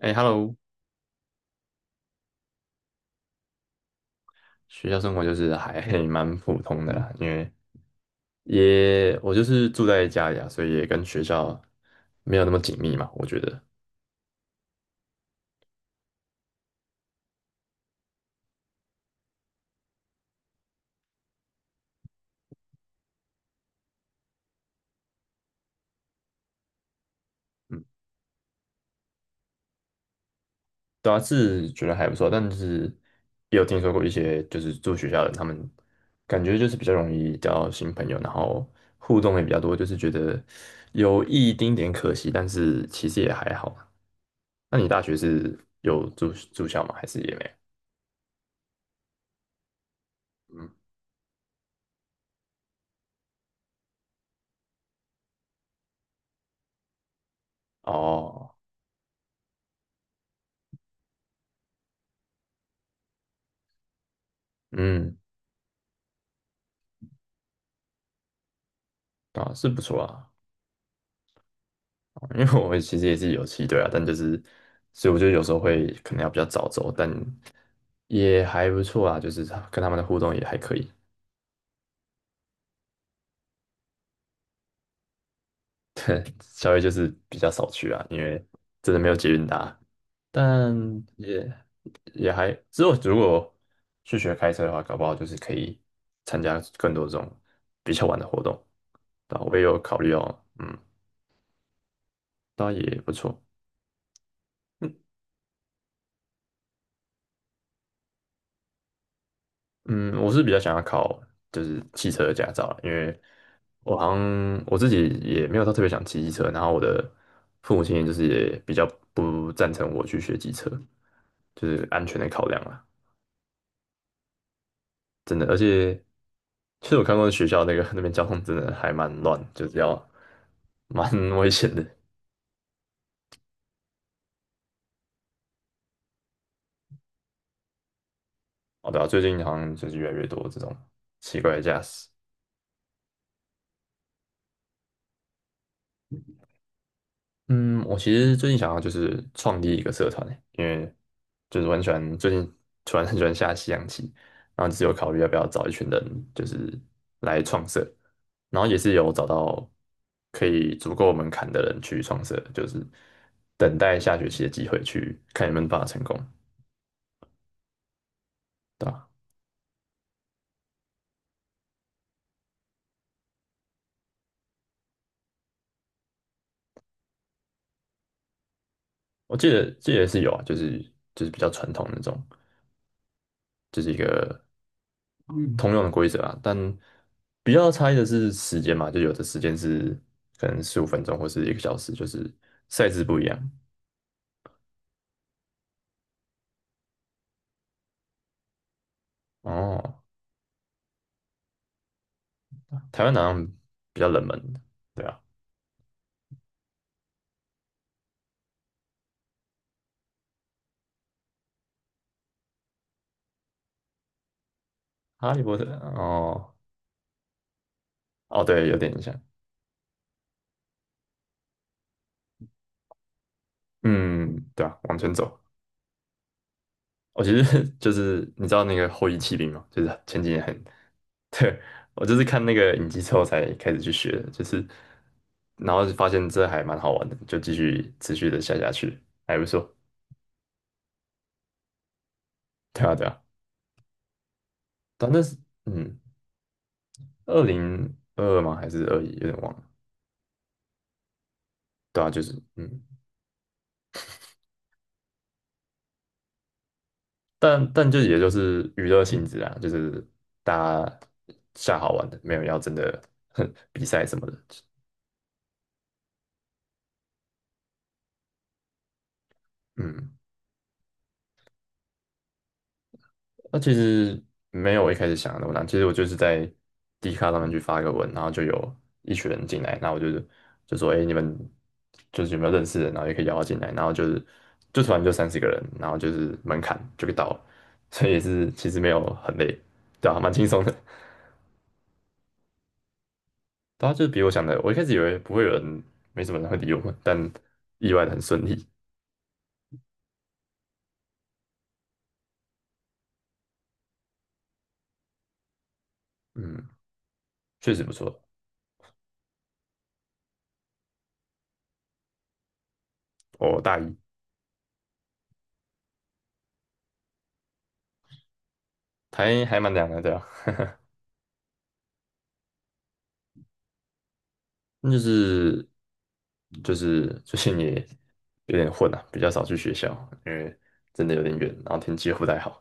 哎，Hello，学校生活就是还蛮普通的啦，因为也我就是住在家里啊，所以也跟学校没有那么紧密嘛，我觉得。嗯。对啊，是觉得还不错，但是也有听说过一些就是住学校的人，他们感觉就是比较容易交新朋友，然后互动也比较多，就是觉得有一丁点可惜，但是其实也还好。那你大学是有住校吗？还是也没有？嗯。哦。嗯。啊，是不错啊。因为我其实也是有骑队啊，但就是，所以我觉得有时候会可能要比较早走，但也还不错啊，就是他跟他们的互动也还可以。稍微就是比较少去啊，因为真的没有捷运搭，但也也还，之后如果去学开车的话，搞不好就是可以参加更多这种比较晚的活动。对啊，我也有考虑哦。嗯。倒也不错。嗯。嗯我是比较想要考就是汽车的驾照啦，因为我好像我自己也没有到特别想骑机车，然后我的父母亲就是也比较不赞成我去学机车，就是安全的考量啦。真的，而且其实我看过学校那个 那边交通真的还蛮乱，就是要蛮 危险的。哦，对啊，最近好像就是越来越多这种奇怪的驾驶。嗯，我其实最近想要就是创立一个社团欸，因为就是完全最近突然很喜欢下西洋棋，然后只有考虑要不要找一群人就是来创社，然后也是有找到可以足够门槛的人去创社，就是等待下学期的机会去看有没有办法成功。对吧？我记得是有啊，就是就是比较传统那种，就是一个通用的规则啊，但比较差异的是时间嘛，就有的时间是可能15分钟或是一个小时，就是赛制不一样。哦。台湾好像比较冷门的。对啊。哈利波特。哦哦。对，有点印象。嗯，对啊，往前走。其实 就是你知道那个后翼弃兵嘛，就是前几年很。对。我就是看那个影集之后才开始去学的，就是然后就发现这还蛮好玩的，就继续持续的下下去，还不错。对啊对啊。但那是嗯，2022吗？还是21？有点忘了。对啊，就是嗯，但就也就是娱乐性质啊，就是大家下好玩的，没有要真的 比赛什么的。嗯，那其实没有我一开始想的那么难，其实我就是在 D 卡上面去发一个文，然后就有一群人进来，然后我就是就说，哎、你们就是有没有认识的，然后也可以邀他进来，然后就是就突然就30个人，然后就是门槛就给到了。所以也是其实没有很累。对啊，蛮轻松的。对啊，就是比我想的，我一开始以为不会有人，没什么人会理我们，但意外的很顺利。嗯。确实不错。我大一，还还蛮凉的。对啊，那就是就是最近也有点混啊，比较少去学校，因为真的有点远，然后天气又不太好，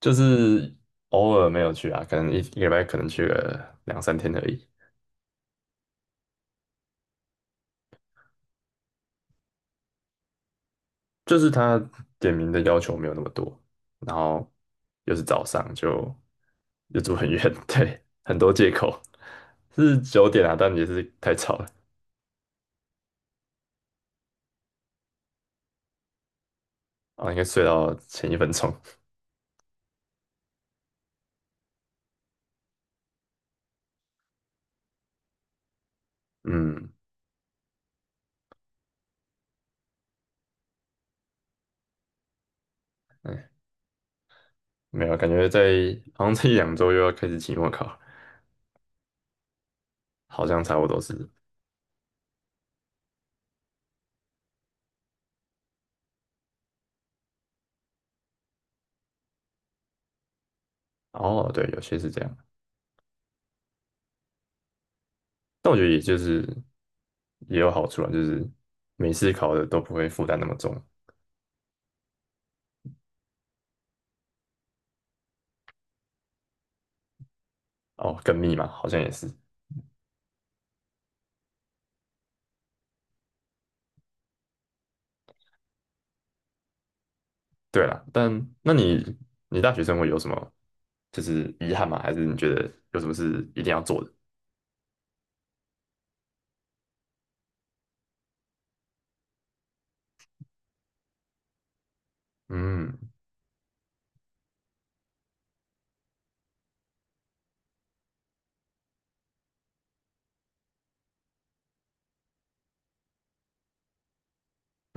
就是偶尔没有去啊，可能一个礼拜可能去个两三天而已。就是他点名的要求没有那么多，然后又是早上就又住很远。对，很多借口是9点啊，但也是太吵了啊，应该睡到前一分钟。嗯。哎，没有啊，感觉在好像这一两周又要开始期末考。好像差不多是。哦，对，有些是这样，但我觉得也就是也有好处啊，就是每次考的都不会负担那么重。哦，跟密嘛，好像也是。对啦，但那你你大学生活有什么就是遗憾吗？还是你觉得有什么是一定要做的？嗯。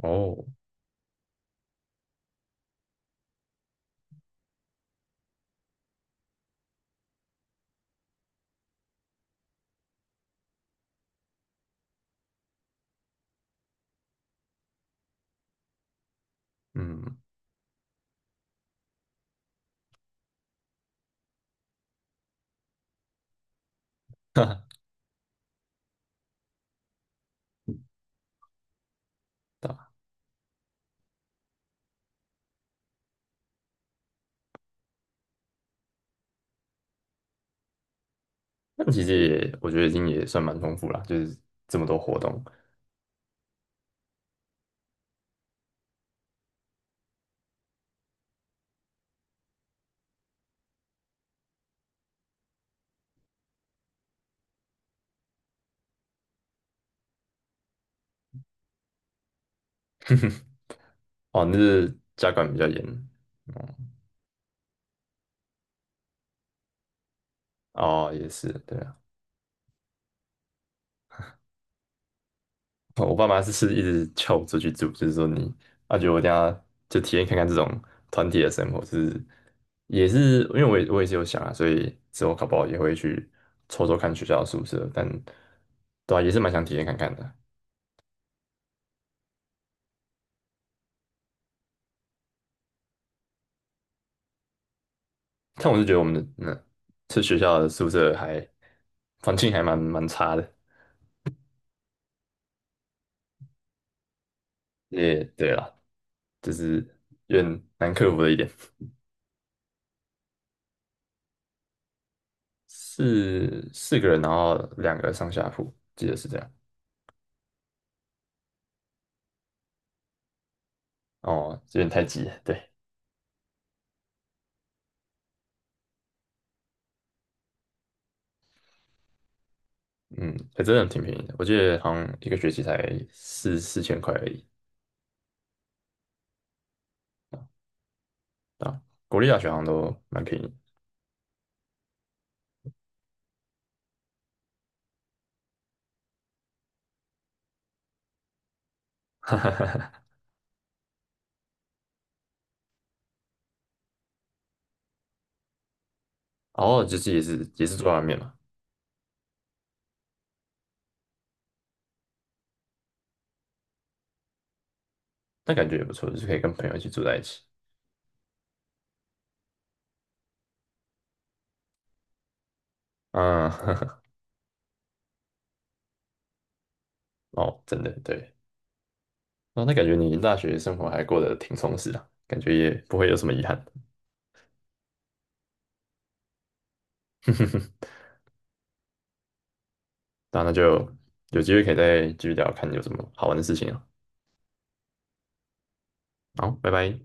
哦。嗯。哈哈。对啊那 其实也我觉得已经也算蛮丰富啦，就是这么多活动。哦，那是家管比较严。哦。哦，也是，对。啊。我爸妈是一直叫我出去住，就是说你啊，觉得我等一下就体验看看这种团体的生活，就是也是因为我也是有想啊，所以之后考不好也会去抽抽看学校的宿舍，但对啊，也是蛮想体验看看的。但我是觉得我们的嗯，这学校的宿舍还环境还蛮差的。也对啦，就是有点难克服的一点。四个人，然后2个上下铺，记得是这样。哦，有点太挤了，对。嗯，还真的挺便宜的，我记得好像一个学期才四千块而已啊。国立大学好像都蛮便宜。哈哈哈，然后就是也是住在外面嘛。但感觉也不错，就是可以跟朋友一起住在一起。嗯。哦，真的对。哦，那感觉你大学生活还过得挺充实的，感觉也不会有什么遗憾。那就有机会可以再继续聊，看你有什么好玩的事情啊。好，拜拜。